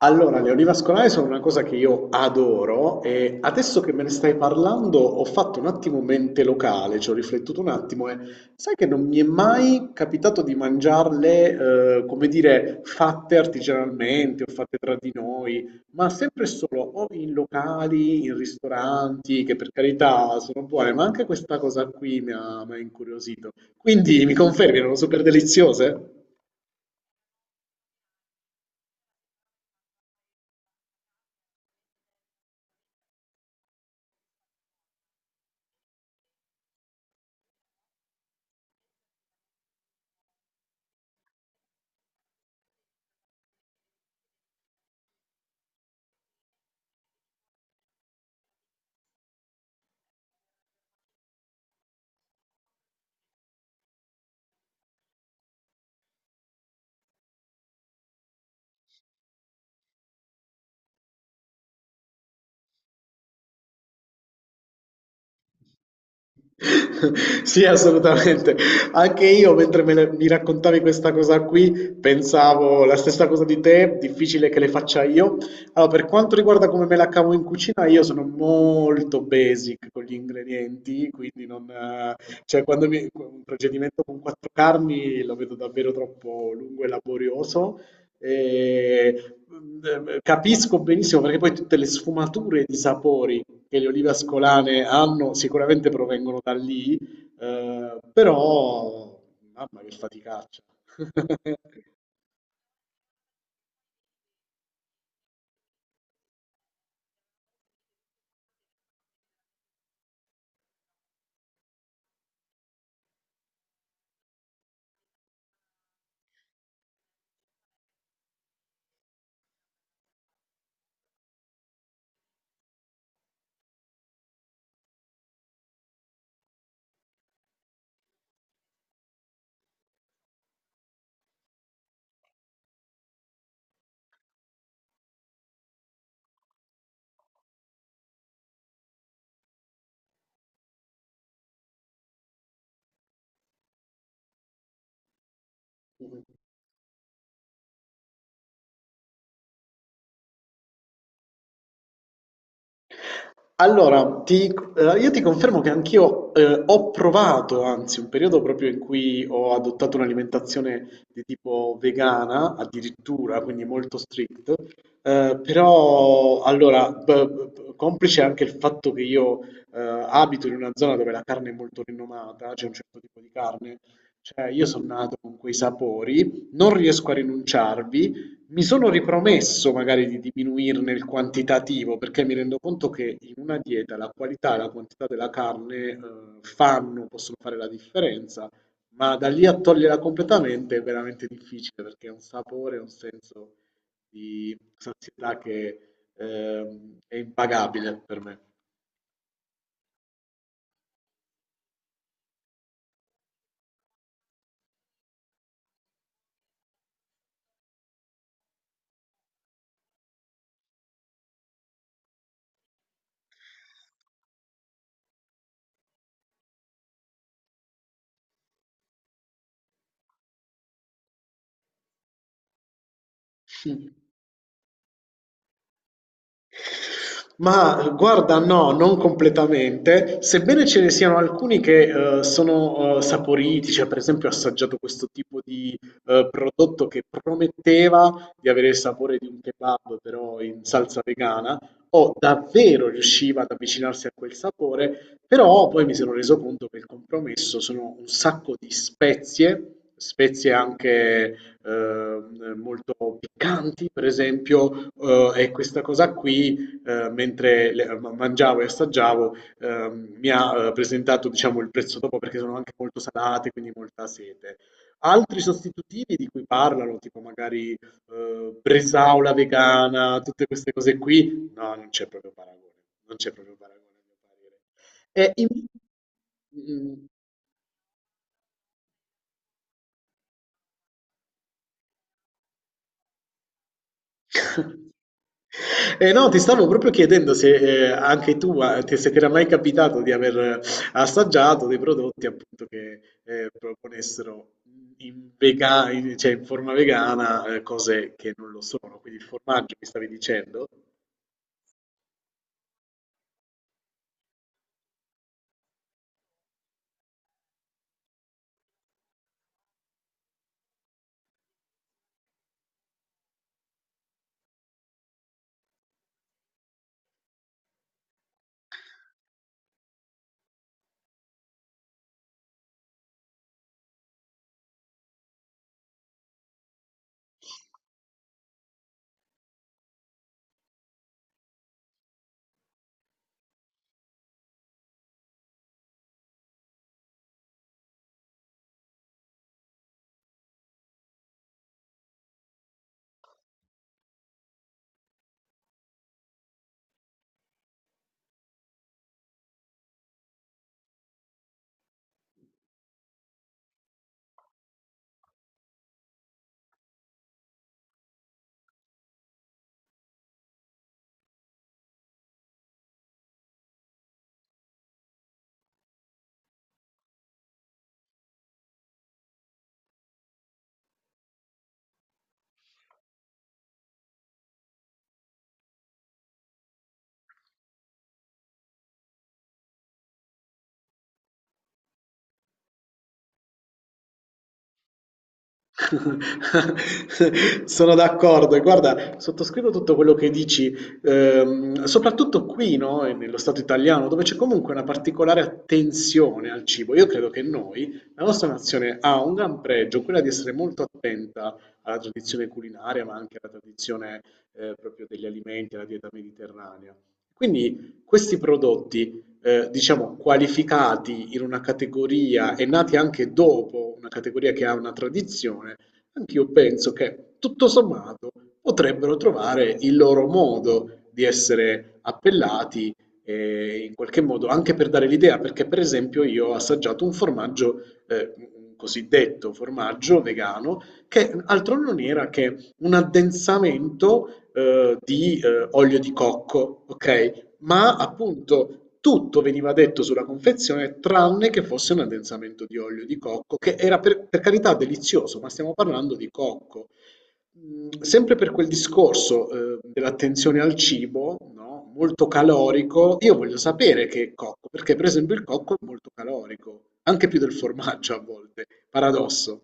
Allora, le vascolari sono una cosa che io adoro e adesso che me ne stai parlando ho fatto un attimo mente locale, ci ho riflettuto un attimo e sai che non mi è mai capitato di mangiarle, come dire, fatte artigianalmente o fatte tra di noi, ma sempre e solo o in locali, in ristoranti, che per carità sono buone, ma anche questa cosa qui mi ha incuriosito. Quindi mi confermi, erano super deliziose? Sì, assolutamente. Anche io, mi raccontavi questa cosa qui, pensavo la stessa cosa di te, difficile che le faccia io. Allora, per quanto riguarda come me la cavo in cucina, io sono molto basic con gli ingredienti, quindi non, cioè, quando mi, un procedimento con quattro carni lo vedo davvero troppo lungo e laborioso. E, mm, Capisco benissimo perché poi tutte le sfumature di sapori che le olive ascolane hanno sicuramente provengono da lì, però mamma che faticaccia. Allora, ti, io ti confermo che anch'io ho provato, anzi, un periodo proprio in cui ho adottato un'alimentazione di tipo vegana, addirittura, quindi molto strict, però allora, complice anche il fatto che io eh, abito in una zona dove la carne è molto rinomata, c'è un certo tipo di carne, cioè io sono nato con quei sapori, non riesco a rinunciarvi. Mi sono ripromesso magari di diminuirne il quantitativo perché mi rendo conto che in una dieta la qualità e la quantità della carne, possono fare la differenza, ma da lì a toglierla completamente è veramente difficile perché è un sapore, un senso di sazietà che, è impagabile per me. Ma guarda, no, non completamente, sebbene ce ne siano alcuni che sono saporiti, cioè per esempio ho assaggiato questo tipo di prodotto che prometteva di avere il sapore di un kebab, però in salsa vegana, o davvero riusciva ad avvicinarsi a quel sapore, però poi mi sono reso conto che il compromesso sono un sacco di spezie, spezie anche molto piccanti, per esempio, e questa cosa qui mangiavo e assaggiavo, mi ha presentato, diciamo, il prezzo dopo perché sono anche molto salate, quindi molta sete. Altri sostitutivi di cui parlano, tipo magari bresaola vegana, tutte queste cose qui, no, non c'è proprio paragone, non c'è proprio paragone, a mio parere. E in- Mm. No, ti stavo proprio chiedendo se se ti era mai capitato di aver assaggiato dei prodotti appunto che proponessero cioè in forma vegana cose che non lo sono, quindi il formaggio mi stavi dicendo? Sono d'accordo e guarda, sottoscrivo tutto quello che dici, soprattutto qui, no, e nello Stato italiano, dove c'è comunque una particolare attenzione al cibo. Io credo che noi, la nostra nazione, ha un gran pregio, quella di essere molto attenta alla tradizione culinaria, ma anche alla tradizione, proprio degli alimenti, alla dieta mediterranea. Quindi questi prodotti diciamo, qualificati in una categoria e nati anche dopo una categoria che ha una tradizione, anch'io penso che tutto sommato potrebbero trovare il loro modo di essere appellati in qualche modo anche per dare l'idea, perché per esempio io ho assaggiato un formaggio, un cosiddetto formaggio vegano, che altro non era che un addensamento di olio di cocco, ok? Ma appunto tutto veniva detto sulla confezione tranne che fosse un addensamento di olio di cocco, che era per carità delizioso, ma stiamo parlando di cocco. Mm. Sempre per quel discorso, dell'attenzione al cibo, no? Molto calorico, io voglio sapere che è cocco, perché per esempio il cocco è molto calorico, anche più del formaggio a volte, paradosso.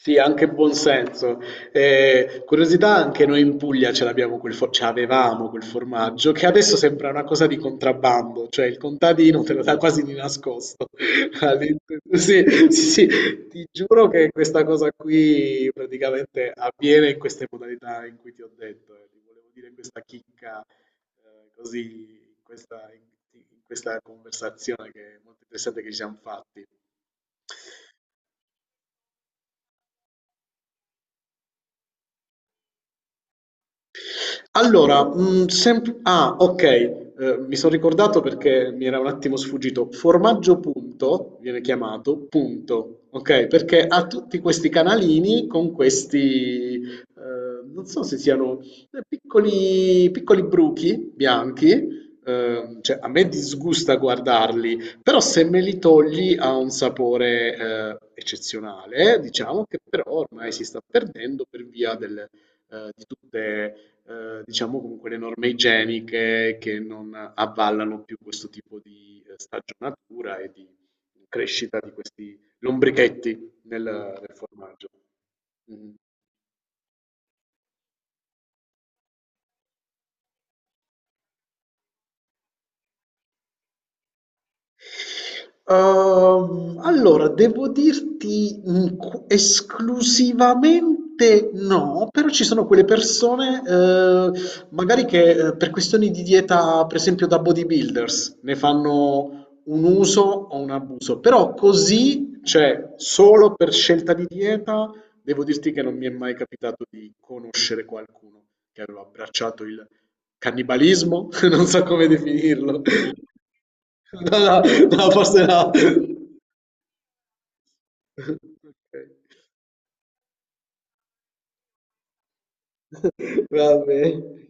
Sì, anche buon senso. Curiosità, anche noi in Puglia ce l'avevamo quel formaggio, che adesso sembra una cosa di contrabbando, cioè il contadino te lo dà quasi di nascosto. Sì, sì, sì, ti giuro che questa cosa qui praticamente avviene in queste modalità in cui ti ho detto. Ti volevo dire questa chicca, così, in questa, in in questa conversazione che è molto interessante che ci siamo fatti. Okay. Mi son ricordato perché mi era un attimo sfuggito. Formaggio Punto viene chiamato, punto, okay, perché ha tutti questi canalini con questi, non so se siano, piccoli piccoli bruchi bianchi, cioè a me disgusta guardarli, però se me li togli ha un sapore, eccezionale, diciamo, che però ormai si sta perdendo per via del di tutte diciamo comunque le norme igieniche che non avvallano più questo tipo di, stagionatura e di crescita di questi lombrichetti nel formaggio. Mh-mh. Allora, devo dirti esclusivamente no, però ci sono quelle persone, magari che per questioni di dieta, per esempio da bodybuilders, ne fanno un uso o un abuso, però così, cioè solo per scelta di dieta, devo dirti che non mi è mai capitato di conoscere qualcuno che aveva abbracciato il cannibalismo, non so come definirlo. No, no, no, forse no. Ok. Va bene.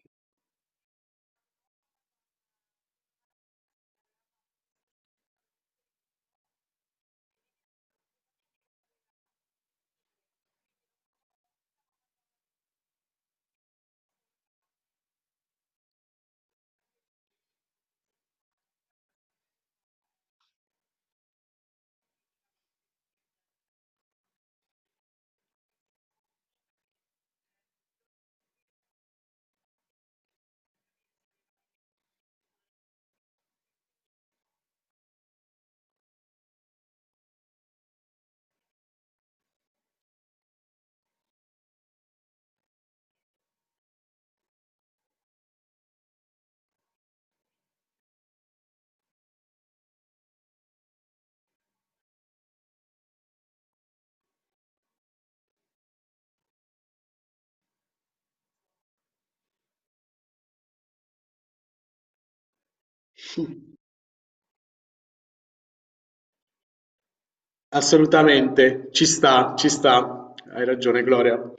Assolutamente, ci sta, ci sta. Hai ragione, Gloria.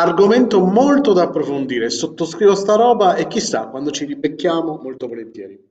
Argomento molto da approfondire. Sottoscrivo sta roba e chissà, quando ci ribecchiamo, molto volentieri.